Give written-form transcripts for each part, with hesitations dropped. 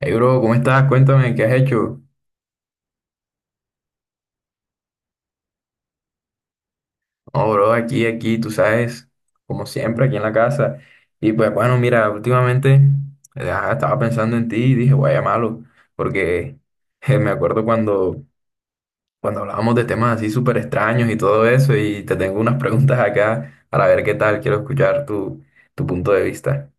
Hey bro, ¿cómo estás? Cuéntame, ¿qué has hecho? No, bro, aquí, tú sabes, como siempre, aquí en la casa. Y pues bueno, mira, últimamente estaba pensando en ti y dije, voy a llamarlo, porque me acuerdo cuando hablábamos de temas así súper extraños y todo eso, y te tengo unas preguntas acá para ver qué tal, quiero escuchar tu punto de vista.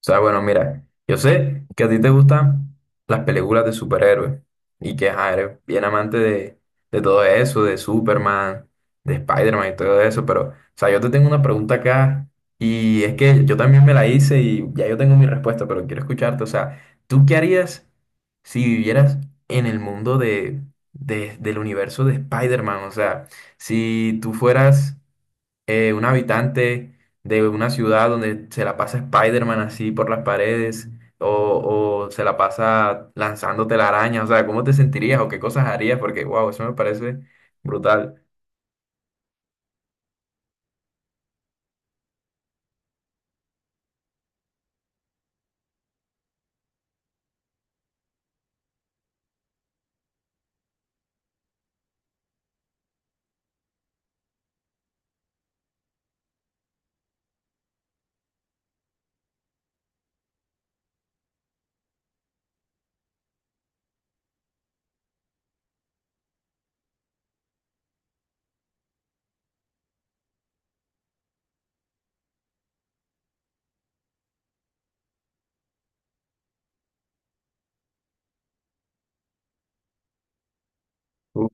O sea, bueno, mira, yo sé que a ti te gustan las películas de superhéroes y que ajá, eres bien amante de todo eso, de Superman, de Spider-Man y todo eso, pero, o sea, yo te tengo una pregunta acá y es que yo también me la hice y ya yo tengo mi respuesta, pero quiero escucharte. O sea, ¿tú qué harías si vivieras en el mundo del universo de Spider-Man? O sea, si tú fueras un habitante de una ciudad donde se la pasa Spider-Man así por las paredes o se la pasa lanzando telarañas, o sea, ¿cómo te sentirías o qué cosas harías? Porque, wow, eso me parece brutal.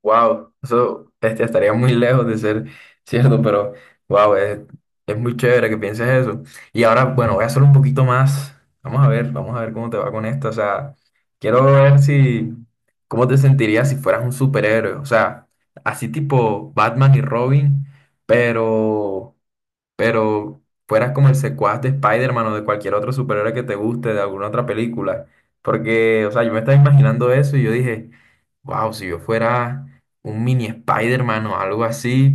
Wow, estaría muy lejos de ser cierto, pero wow, es muy chévere que pienses eso. Y ahora, bueno, voy a hacer un poquito más. Vamos a ver cómo te va con esto. O sea, quiero ver si, cómo te sentirías si fueras un superhéroe. O sea, así tipo Batman y Robin, pero pero fueras como el secuaz de Spider-Man o de cualquier otro superhéroe que te guste, de alguna otra película. Porque, o sea, yo me estaba imaginando eso y yo dije, wow, si yo fuera un mini Spider-Man o algo así,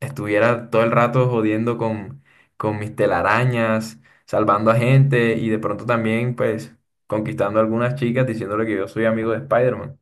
estuviera todo el rato jodiendo con mis telarañas, salvando a gente y de pronto también, pues, conquistando a algunas chicas diciéndole que yo soy amigo de Spider-Man.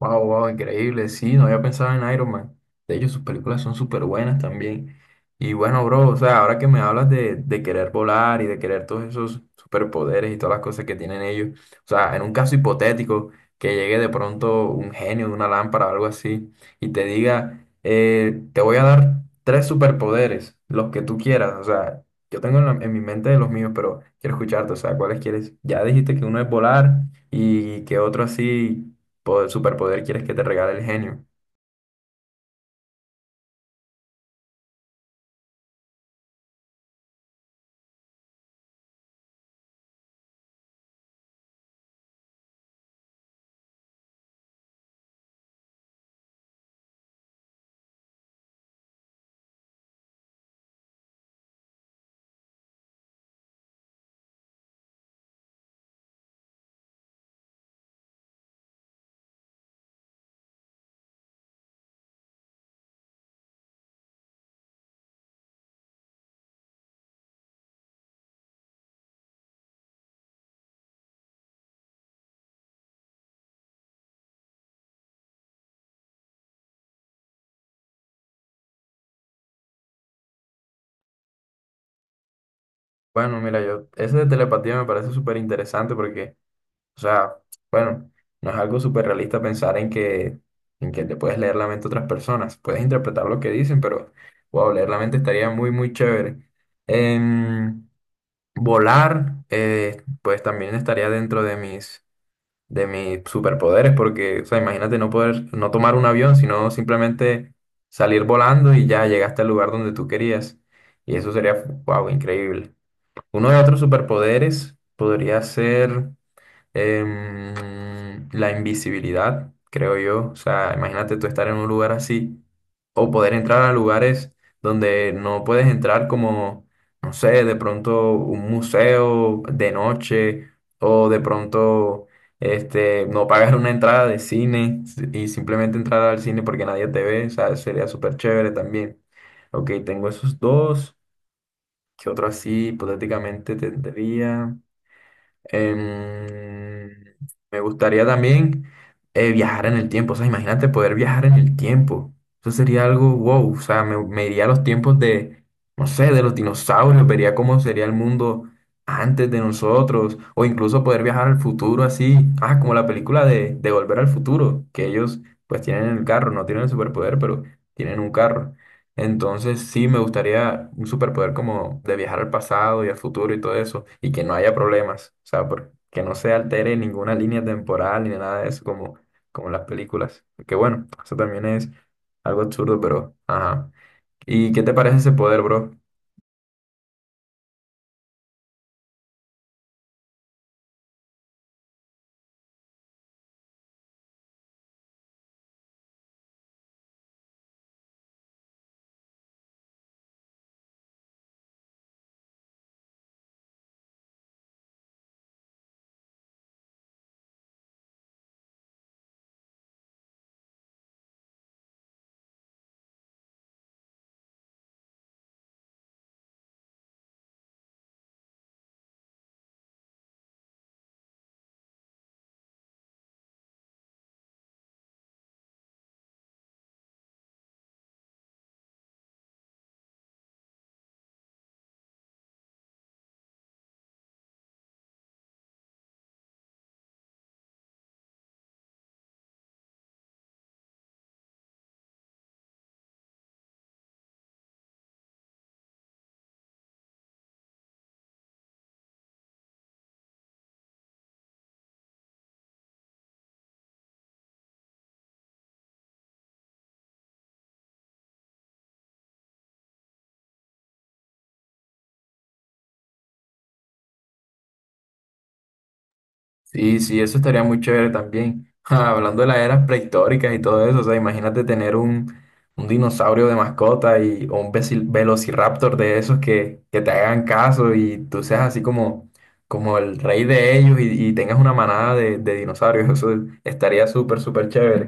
Wow, wow, increíble. Sí, no había pensado en Iron Man. De hecho, sus películas son súper buenas también. Y bueno, bro, o sea, ahora que me hablas de querer volar y de querer todos esos superpoderes y todas las cosas que tienen ellos, o sea, en un caso hipotético, que llegue de pronto un genio de una lámpara o algo así y te diga, te voy a dar tres superpoderes, los que tú quieras. O sea, yo tengo en mi mente los míos, pero quiero escucharte, o sea, ¿cuáles quieres? Ya dijiste que uno es volar y que otro así superpoder quieres que te regale el genio. Bueno, mira, yo, ese de telepatía me parece súper interesante porque, o sea, bueno, no es algo súper realista pensar en en que te puedes leer la mente a otras personas. Puedes interpretar lo que dicen, pero, wow, leer la mente estaría muy chévere. Em, Volar, pues también estaría dentro de mis superpoderes, porque, o sea, imagínate no poder, no tomar un avión, sino simplemente salir volando y ya llegaste al lugar donde tú querías. Y eso sería, wow, increíble. Uno de otros superpoderes podría ser. La invisibilidad, creo yo. O sea, imagínate tú estar en un lugar así o poder entrar a lugares donde no puedes entrar como, no sé, de pronto un museo de noche o de pronto no pagar una entrada de cine y simplemente entrar al cine porque nadie te ve. O sea, sería súper chévere también. Ok, tengo esos dos. ¿Qué otro así hipotéticamente tendría? Em, Me gustaría también viajar en el tiempo. O sea, imagínate poder viajar en el tiempo. Eso sería algo wow. O sea, me iría a los tiempos de, no sé, de los dinosaurios. Vería cómo sería el mundo antes de nosotros. O incluso poder viajar al futuro así. Ah, como la película de Volver al Futuro. Que ellos pues tienen el carro. No tienen el superpoder, pero tienen un carro. Entonces, sí, me gustaría un superpoder como de viajar al pasado y al futuro y todo eso, y que no haya problemas, o sea, que no se altere ninguna línea temporal ni nada de eso, como, como en las películas. Que bueno, eso también es algo absurdo, pero ajá. ¿Y qué te parece ese poder, bro? Sí, sí, eso estaría muy chévere también. Ja, hablando de las eras prehistóricas y todo eso, o sea, imagínate tener un dinosaurio de mascota y, o un velociraptor de esos que te hagan caso y tú seas así como, como el rey de ellos y tengas una manada de dinosaurios. Eso estaría súper, súper chévere.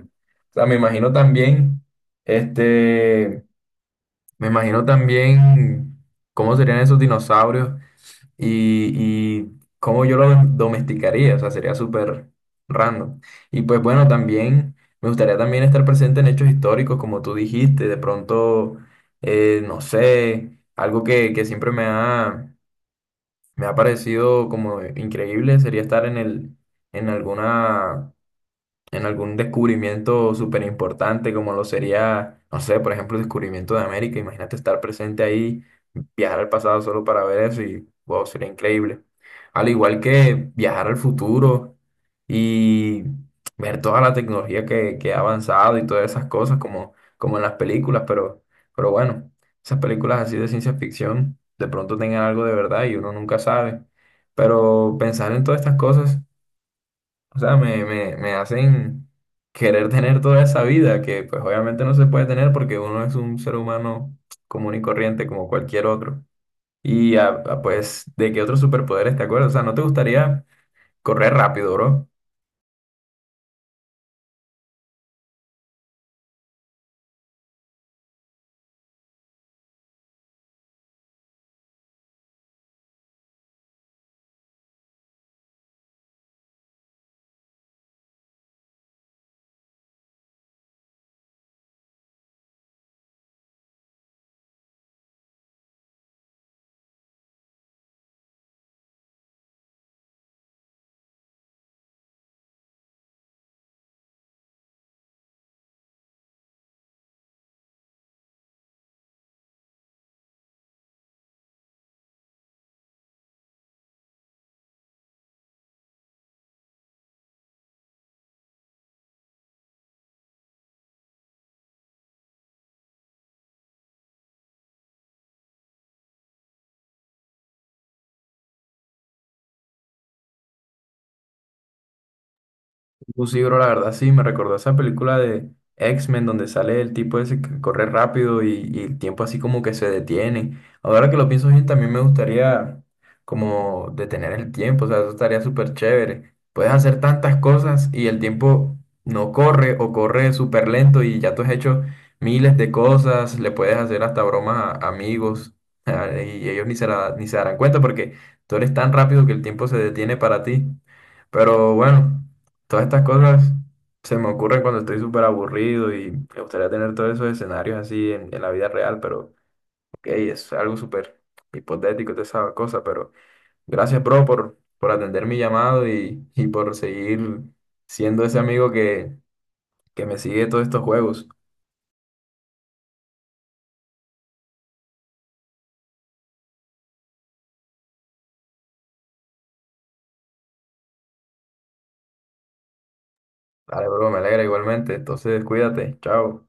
O sea, me imagino también, este, me imagino también cómo serían esos dinosaurios y cómo yo lo domesticaría, o sea, sería súper random. Y pues bueno, también me gustaría también estar presente en hechos históricos, como tú dijiste, de pronto, no sé, algo que siempre me ha parecido como increíble sería estar en en alguna en algún descubrimiento súper importante, como lo sería, no sé, por ejemplo, el descubrimiento de América. Imagínate estar presente ahí, viajar al pasado solo para ver eso y, wow, sería increíble. Al igual que viajar al futuro y ver toda la tecnología que ha avanzado y todas esas cosas, como, como en las películas, pero bueno, esas películas así de ciencia ficción de pronto tengan algo de verdad y uno nunca sabe. Pero pensar en todas estas cosas o sea, me hacen querer tener toda esa vida que pues obviamente no se puede tener porque uno es un ser humano común y corriente como cualquier otro. Y pues, ¿de qué otros superpoderes te acuerdas? O sea, ¿no te gustaría correr rápido, bro? Pues sí, bro, la verdad sí, me recordó esa película de X-Men donde sale el tipo ese que corre rápido y el tiempo así como que se detiene. Ahora que lo pienso bien, también me gustaría como detener el tiempo, o sea, eso estaría súper chévere. Puedes hacer tantas cosas y el tiempo no corre o corre súper lento y ya tú has hecho miles de cosas, le puedes hacer hasta bromas a amigos y ellos ni se darán cuenta porque tú eres tan rápido que el tiempo se detiene para ti. Pero bueno. Todas estas cosas se me ocurren cuando estoy súper aburrido y me gustaría tener todos esos escenarios así en la vida real, pero ok, es algo súper hipotético toda esa cosa, pero gracias, bro, por atender mi llamado y por seguir siendo ese amigo que me sigue todos estos juegos. Dale, bro, me alegra igualmente, entonces cuídate, chao.